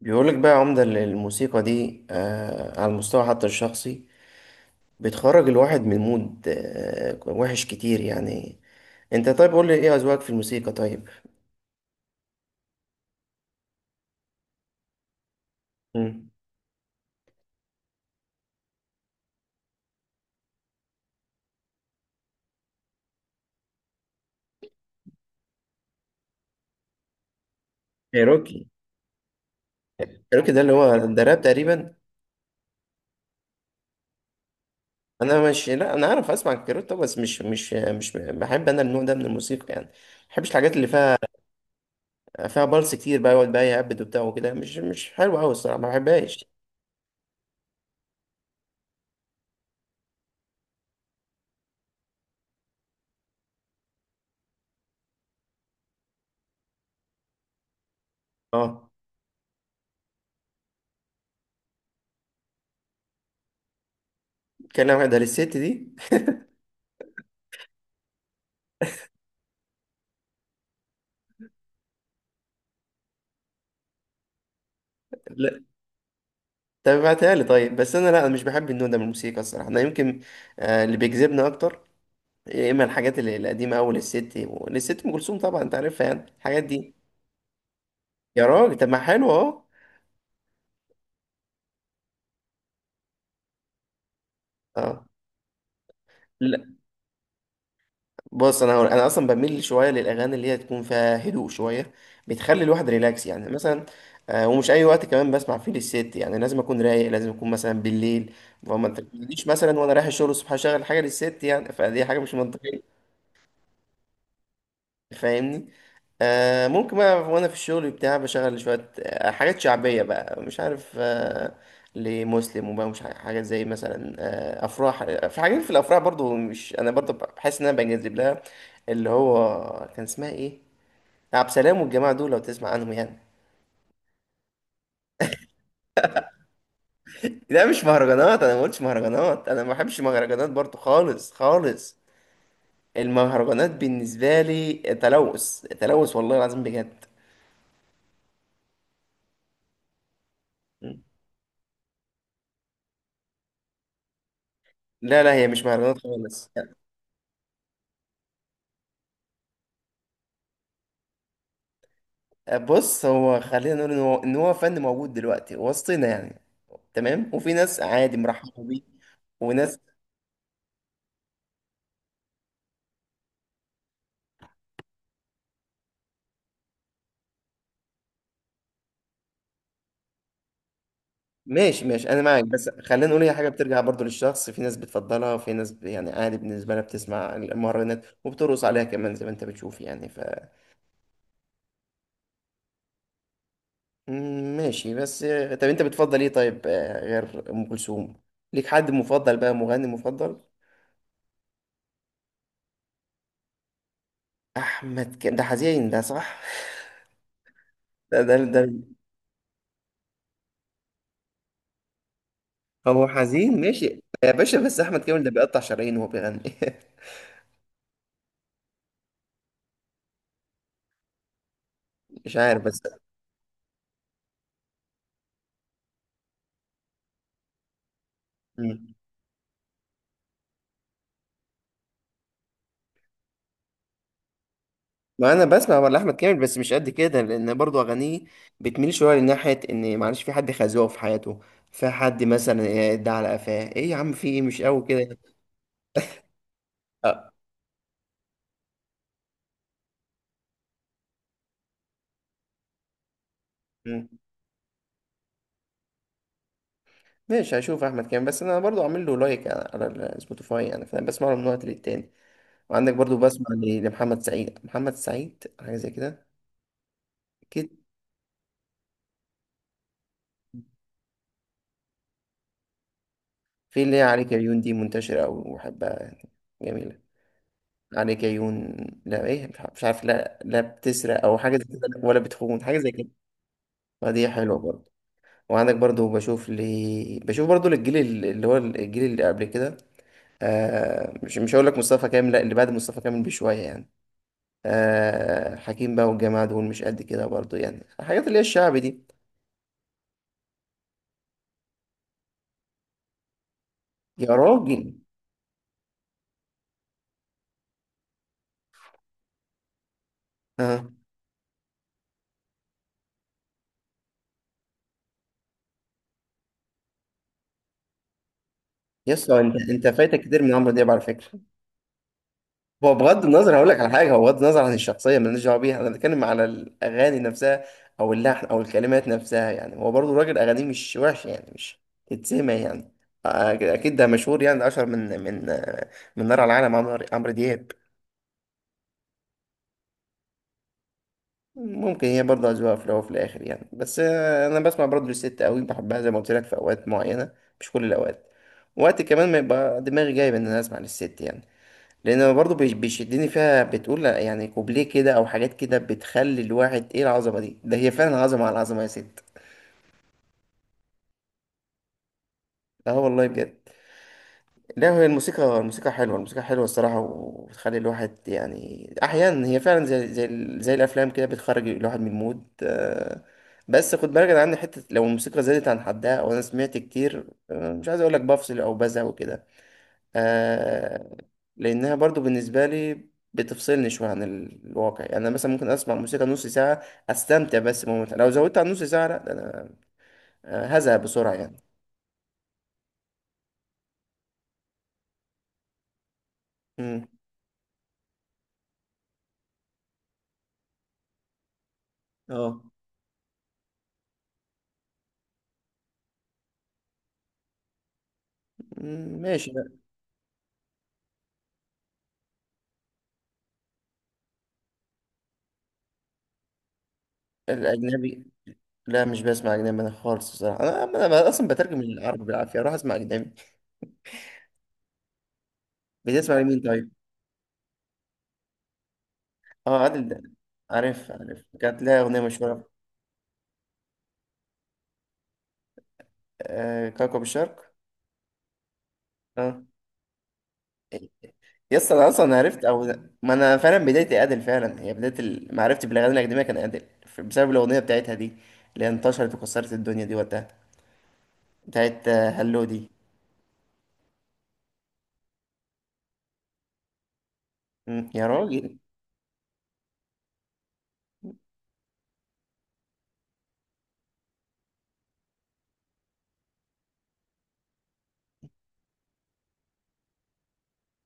بيقولك بقى يا عمدة إن الموسيقى دي على المستوى حتى الشخصي. بتخرج الواحد من مود وحش كتير يعني. انت طيب قول لي ايه اذواقك في الموسيقى؟ طيب. مم. كايروكي. كايروكي ده اللي هو ده راب تقريبا. انا مش لا، انا عارف اسمع كايروكي طبعا، بس مش بحب انا النوع ده من الموسيقى يعني، ما بحبش الحاجات اللي فيها بلس كتير بقى، يقعد بقى يهبد وبتاع وكده، مش حلوه قوي الصراحه، ما بحبهاش. اه، كان واحد، ده الست دي. طب ابعتها لي طيب، بس لا، انا مش بحب النوع ده من الموسيقى الصراحه. انا يمكن اللي بيجذبني اكتر يا اما الحاجات القديمه قوي للست. للست ام كلثوم، طبعا انت عارفها يعني الحاجات دي. يا راجل، طب ما حلو اهو. اه. لا، بص، انا هقول انا اصلا بميل شويه للاغاني اللي هي تكون فيها هدوء شويه، بتخلي الواحد ريلاكس يعني. مثلا ومش اي وقت كمان بسمع فيه للست يعني، لازم اكون رايق، لازم اكون مثلا بالليل. فما تجيش مثلا وانا رايح الشغل الصبح اشغل حاجه للست، يعني فدي حاجه مش منطقيه. فاهمني. ممكن بقى وانا في الشغل بتاع بشغل شوية حاجات شعبية بقى، مش عارف، لمسلم وبقى، مش عارف حاجات زي مثلا افراح. في حاجات في الافراح برضو، مش انا برضو بحس ان انا بنجذب لها. اللي هو كان اسمها ايه، عبد السلام والجماعة دول، لو تسمع عنهم يعني. لا، مش مهرجانات، انا ما قلتش مهرجانات. انا ما بحبش مهرجانات برضو، خالص خالص. المهرجانات بالنسبة لي تلوث، تلوث والله العظيم بجد. لا لا، هي مش مهرجانات خالص. بص، هو خلينا نقول ان هو فن موجود دلوقتي وسطنا يعني، تمام. وفي ناس عادي مرحبة بيه، وناس. ماشي ماشي، انا معاك، بس خلينا نقول هي حاجه بترجع برضو للشخص. في ناس بتفضلها، وفي ناس يعني عادي بالنسبه لها، بتسمع المهرجانات وبترقص عليها كمان زي ما انت بتشوف يعني مم، ماشي. بس طب انت بتفضل ايه طيب غير ام كلثوم؟ ليك حد مفضل بقى، مغني مفضل؟ ده حزين، ده صح. ده. هو حزين ماشي يا باشا، بس احمد كامل ده بيقطع شرايين وهو بيغني. مش عارف بس. مم. ما انا بسمع ولا احمد كامل، بس مش قد كده، لان برضو اغانيه بتميل شويه لناحيه ان معلش في حد خازوق في حياته، في حد مثلا ده على قفاه، ايه يا عم، في ايه، مش قوي كده. اه. مم. ماشي، هشوف احمد كامل، بس انا برضو عامل له لايك على السبوتيفاي يعني، فانا بسمع له من وقت للتاني. وعندك برضو بسمع لمحمد سعيد. محمد سعيد حاجه زي كده. اكيد. في اللي هي عليك يا عيون، دي منتشره قوي وبحبها يعني، جميله. عليك عيون. لا، ايه، مش عارف، مش عارف، لا لا، بتسرق او حاجه زي كده، ولا بتخون حاجه زي كده، فدي حلوه برضه. وعندك برضه بشوف لي، بشوف برضه للجيل اللي هو الجيل اللي قبل كده. مش مش هقول لك مصطفى كامل، لا، اللي بعد مصطفى كامل بشويه يعني، حكيم بقى والجماعه دول، مش قد كده برضه يعني، الحاجات اللي هي الشعبي دي. يا راجل. اه. يسطا انت فايتك كتير من عمرو دياب على فكره. هو بغض النظر هقول لك على حاجه، هو بغض النظر عن الشخصيه مالناش دعوه بيها، انا بتكلم على الاغاني نفسها او اللحن او الكلمات نفسها يعني. هو برضو الراجل اغانيه مش وحش يعني، مش تتسمع يعني. أك- اكيد ده مشهور يعني، ده اشهر من نار على العالم، عمرو دياب. ممكن هي برضه أذواق في الأول وفي الآخر يعني. بس أنا بسمع برضه للست أوي، بحبها زي ما قلت لك في أوقات معينة، مش كل الأوقات. وقت كمان ما يبقى دماغي جايب إن أنا أسمع للست يعني. لان أنا برضو بيشدني فيها، بتقول لأ، يعني كوبليه كده او حاجات كده بتخلي الواحد ايه العظمه دي، ده هي فعلا عظمه على عظمه يا ست. اه والله بجد. لا، هي الموسيقى حلوه، الموسيقى حلوه الصراحه، وبتخلي الواحد يعني احيانا، هي فعلا زي الافلام كده، بتخرج الواحد من المود. بس خد بالك انا عندي حته، لو الموسيقى زادت عن حدها او انا سمعت كتير مش عايز اقول لك بفصل او بزهق وكده. آه لأنها برضو بالنسبة لي بتفصلني شوية عن الواقع يعني. أنا مثلا ممكن أسمع موسيقى نص ساعة، أستمتع بس بموت. لو زودت عن نص ساعة، لأ، ده أنا هزهق بسرعة يعني. مم. اه. مم، ماشي لأ. الأجنبي. لا، مش بسمع أجنبي أنا خالص الصراحة. أنا أصلا بترجم العربي بالعافية أروح أسمع أجنبي. بتسمع لمين طيب؟ أه، عادل ده، عارف عارف، كانت لها أغنية مشهورة. كوكب الشرق. أه. يس، انا اصلا عرفت او، ما انا فعلا بدايتي ادل فعلا، هي بدايه معرفتي بالاغاني الاكاديميه كان ادل بسبب الاغنيه بتاعتها دي اللي هي انتشرت وكسرت الدنيا دي وقتها، بتاعت هلو دي. مم. يا راجل.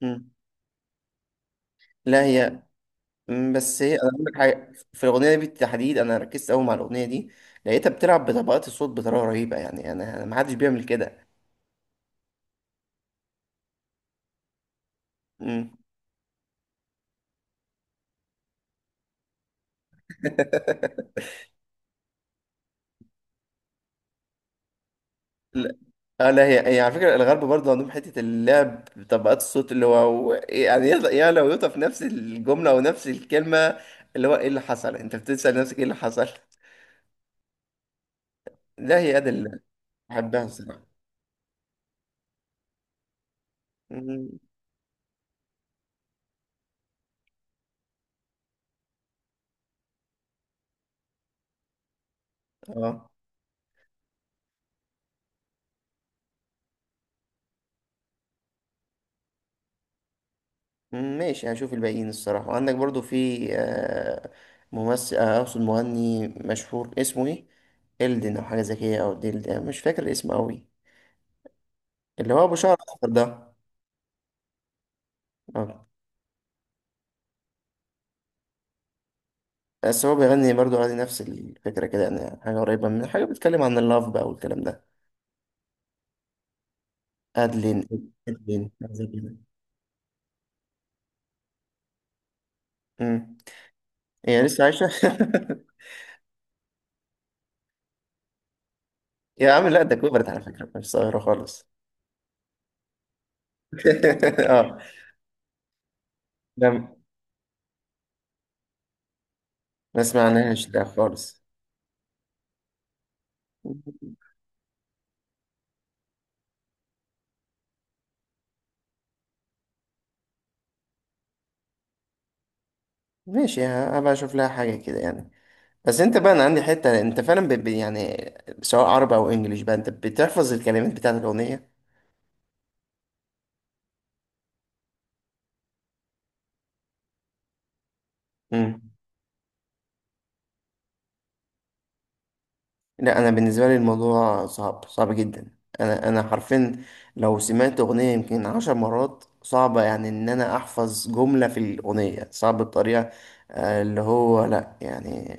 مم. لا، هي. مم، بس هي انا بقول لك حاجه في الاغنيه دي بالتحديد، انا ركزت قوي مع الاغنيه دي، لقيتها بتلعب بطبقات الصوت بطريقه رهيبه يعني، انا، ما حدش بيعمل كده. مم. لا. اه. لا، هي على فكرة الغرب برضه عندهم حتة اللعب بطبقات الصوت، اللي هو يعني يعني لو يوطى في نفس الجملة أو نفس الكلمة، اللي هو إيه اللي حصل؟ أنت بتسأل نفسك إيه اللي حصل؟ لا، هي أداة اللي بحبها الصراحة. مم. اه. مم، ماشي، هشوف الباقيين الصراحة. وعندك برضه في ممثل، أقصد مغني مشهور اسمه إيه؟ إلدن أو حاجة زي كده أو ديلدن، مش فاكر اسمه أوي، اللي هو أبو شعر أصفر ده. اه. بس هو بيغني برضو عادي، نفس الفكرة كده يعني، حاجة قريبة من حاجة بتتكلم عن اللاف بقى والكلام ده، أدلين، أدلين حاجة زي كده. أمم. هي لسه عايشة؟ يا عم لا، ده كبرت على فكرة، مش صغيرة خالص. اه. لا، ما سمعناهاش ده خالص. ماشي، هبقى أشوف لها حاجة كده يعني. بس انت بقى، انا عندي حتة، انت فعلا يعني سواء عربي او انجليش بقى، انت بتحفظ الكلمات بتاعت الاغنية. لا انا، بالنسبه لي الموضوع صعب، صعب جدا. انا حرفيا لو سمعت اغنيه يمكن عشر مرات، صعبه يعني ان انا احفظ جمله في الاغنيه، صعب بطريقه اللي هو لا يعني،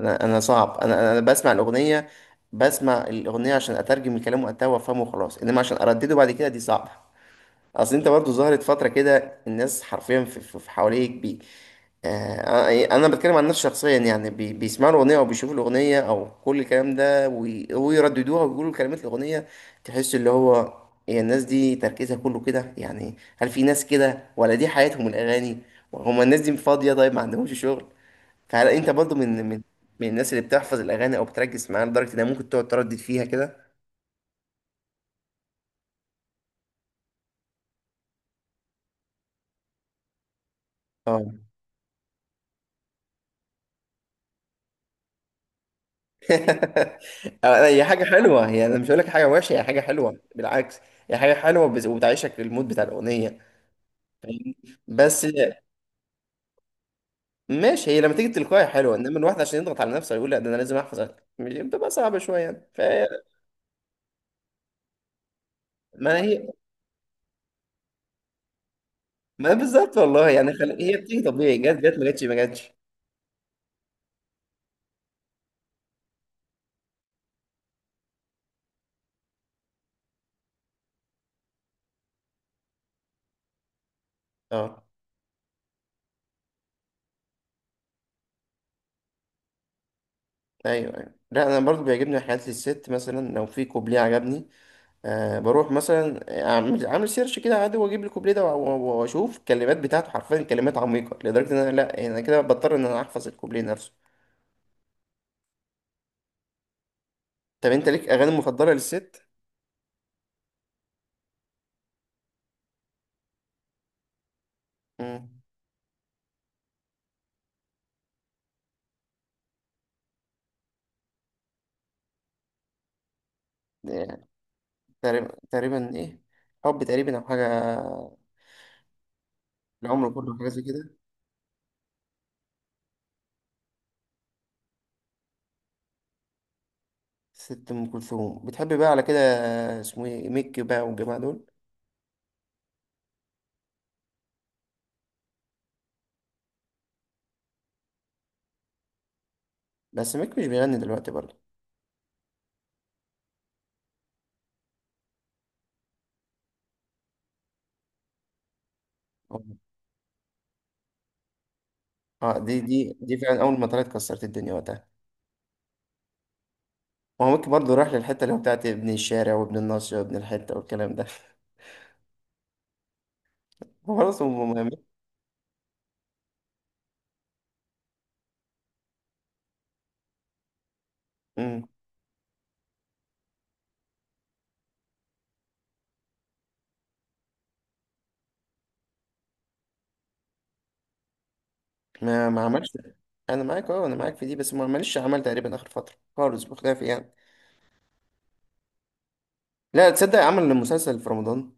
انا صعب، انا بسمع الاغنيه عشان اترجم الكلام وقتها وافهمه وخلاص، انما عشان اردده بعد كده دي صعبه. اصل انت برضو ظهرت فترة كده، الناس حرفيا في حواليك انا بتكلم عن نفسي شخصيا يعني، بيسمعوا الاغنية او بيشوفوا الاغنية او كل الكلام ده ويرددوها ويقولوا كلمات الاغنية، تحس اللي هو، هي الناس دي تركيزها كله كده يعني. هل في ناس كده ولا دي حياتهم الاغاني؟ وهم الناس دي فاضية؟ طيب ما عندهمش شغل؟ فهل انت برضو من الناس اللي بتحفظ الاغاني او بتركز معاها لدرجة انها ممكن تقعد تردد فيها كده؟ اه. هي حاجة حلوة، هي أنا مش هقول لك حاجة وحشة، هي حاجة حلوة بالعكس. هي حاجة حلوة وبتعيشك للمود بتاع الأغنية فاهمني. بس ماشي، هي لما تيجي تلقائي حلوة، إنما الواحد عشان يضغط على نفسه يقول لا، ده أنا لازم أحفظ بتبقى صعبة شوية يعني ما هي ما بالظبط والله يعني هي بتيجي طبيعي، جت جت، ما جتش ما جتش. أه. أيوه أيوه. لا، أنا برضو بيعجبني حياة الست، مثلا لو في كوبليه عجبني أه، بروح مثلا عامل سيرش كده عادي، واجيب الكوبليه ده واشوف الكلمات بتاعته، حرفيا كلمات عميقه لدرجه ان انا لا يعني، انا كده بضطر ان انا احفظ الكوبليه نفسه. طب انت ليك اغاني مفضله للست؟ مم. يعني تقريبا، تقريبا ايه، حب تقريبا او حاجه. العمر كله حاجه زي كده. ست ام كلثوم بتحب بقى على كده. اسمه ايه، ميك بقى والجماعه دول. بس ميك مش بيغني دلوقتي برضه. اه. دي فعلا، اول ما طلعت كسرت الدنيا وقتها. هو ممكن برضه يروح للحتة اللي هو بتاعت ابن الشارع وابن الناصية وابن الحتة والكلام ده. هو خلاص، هم مهمين. مم. ما عملش. أنا معاك، أه أنا معاك في دي، بس ما عملش، عمل تقريبا آخر فترة خالص بخلافي يعني. لا تصدق، عمل مسلسل في رمضان.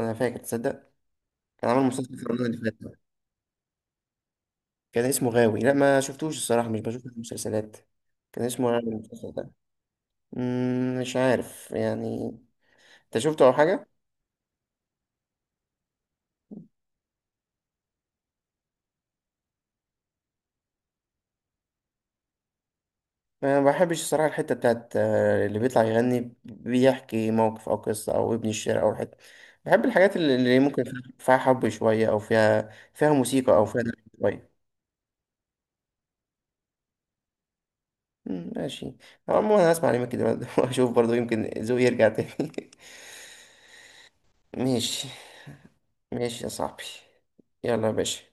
أنا فاكر، تصدق؟ كان عمل مسلسل في رمضان اللي فات ده. كان اسمه غاوي. لا ما شفتوش الصراحة، مش بشوف المسلسلات. كان اسمه غاوي المسلسل ده. مم، مش عارف يعني. أنت شفته أو حاجة؟ انا ما بحبش الصراحه الحته بتاعت اللي بيطلع يغني بيحكي موقف او قصه او ابن الشعر او حته. بحب الحاجات اللي ممكن فيها، فيها حب شويه، او فيها موسيقى، او فيها لحن شويه. مم، ماشي. عموما انا هسمع عليك كده. واشوف برضو يمكن ذوقي يرجع تاني. ماشي. ماشي يا صاحبي. يلا يا باشا.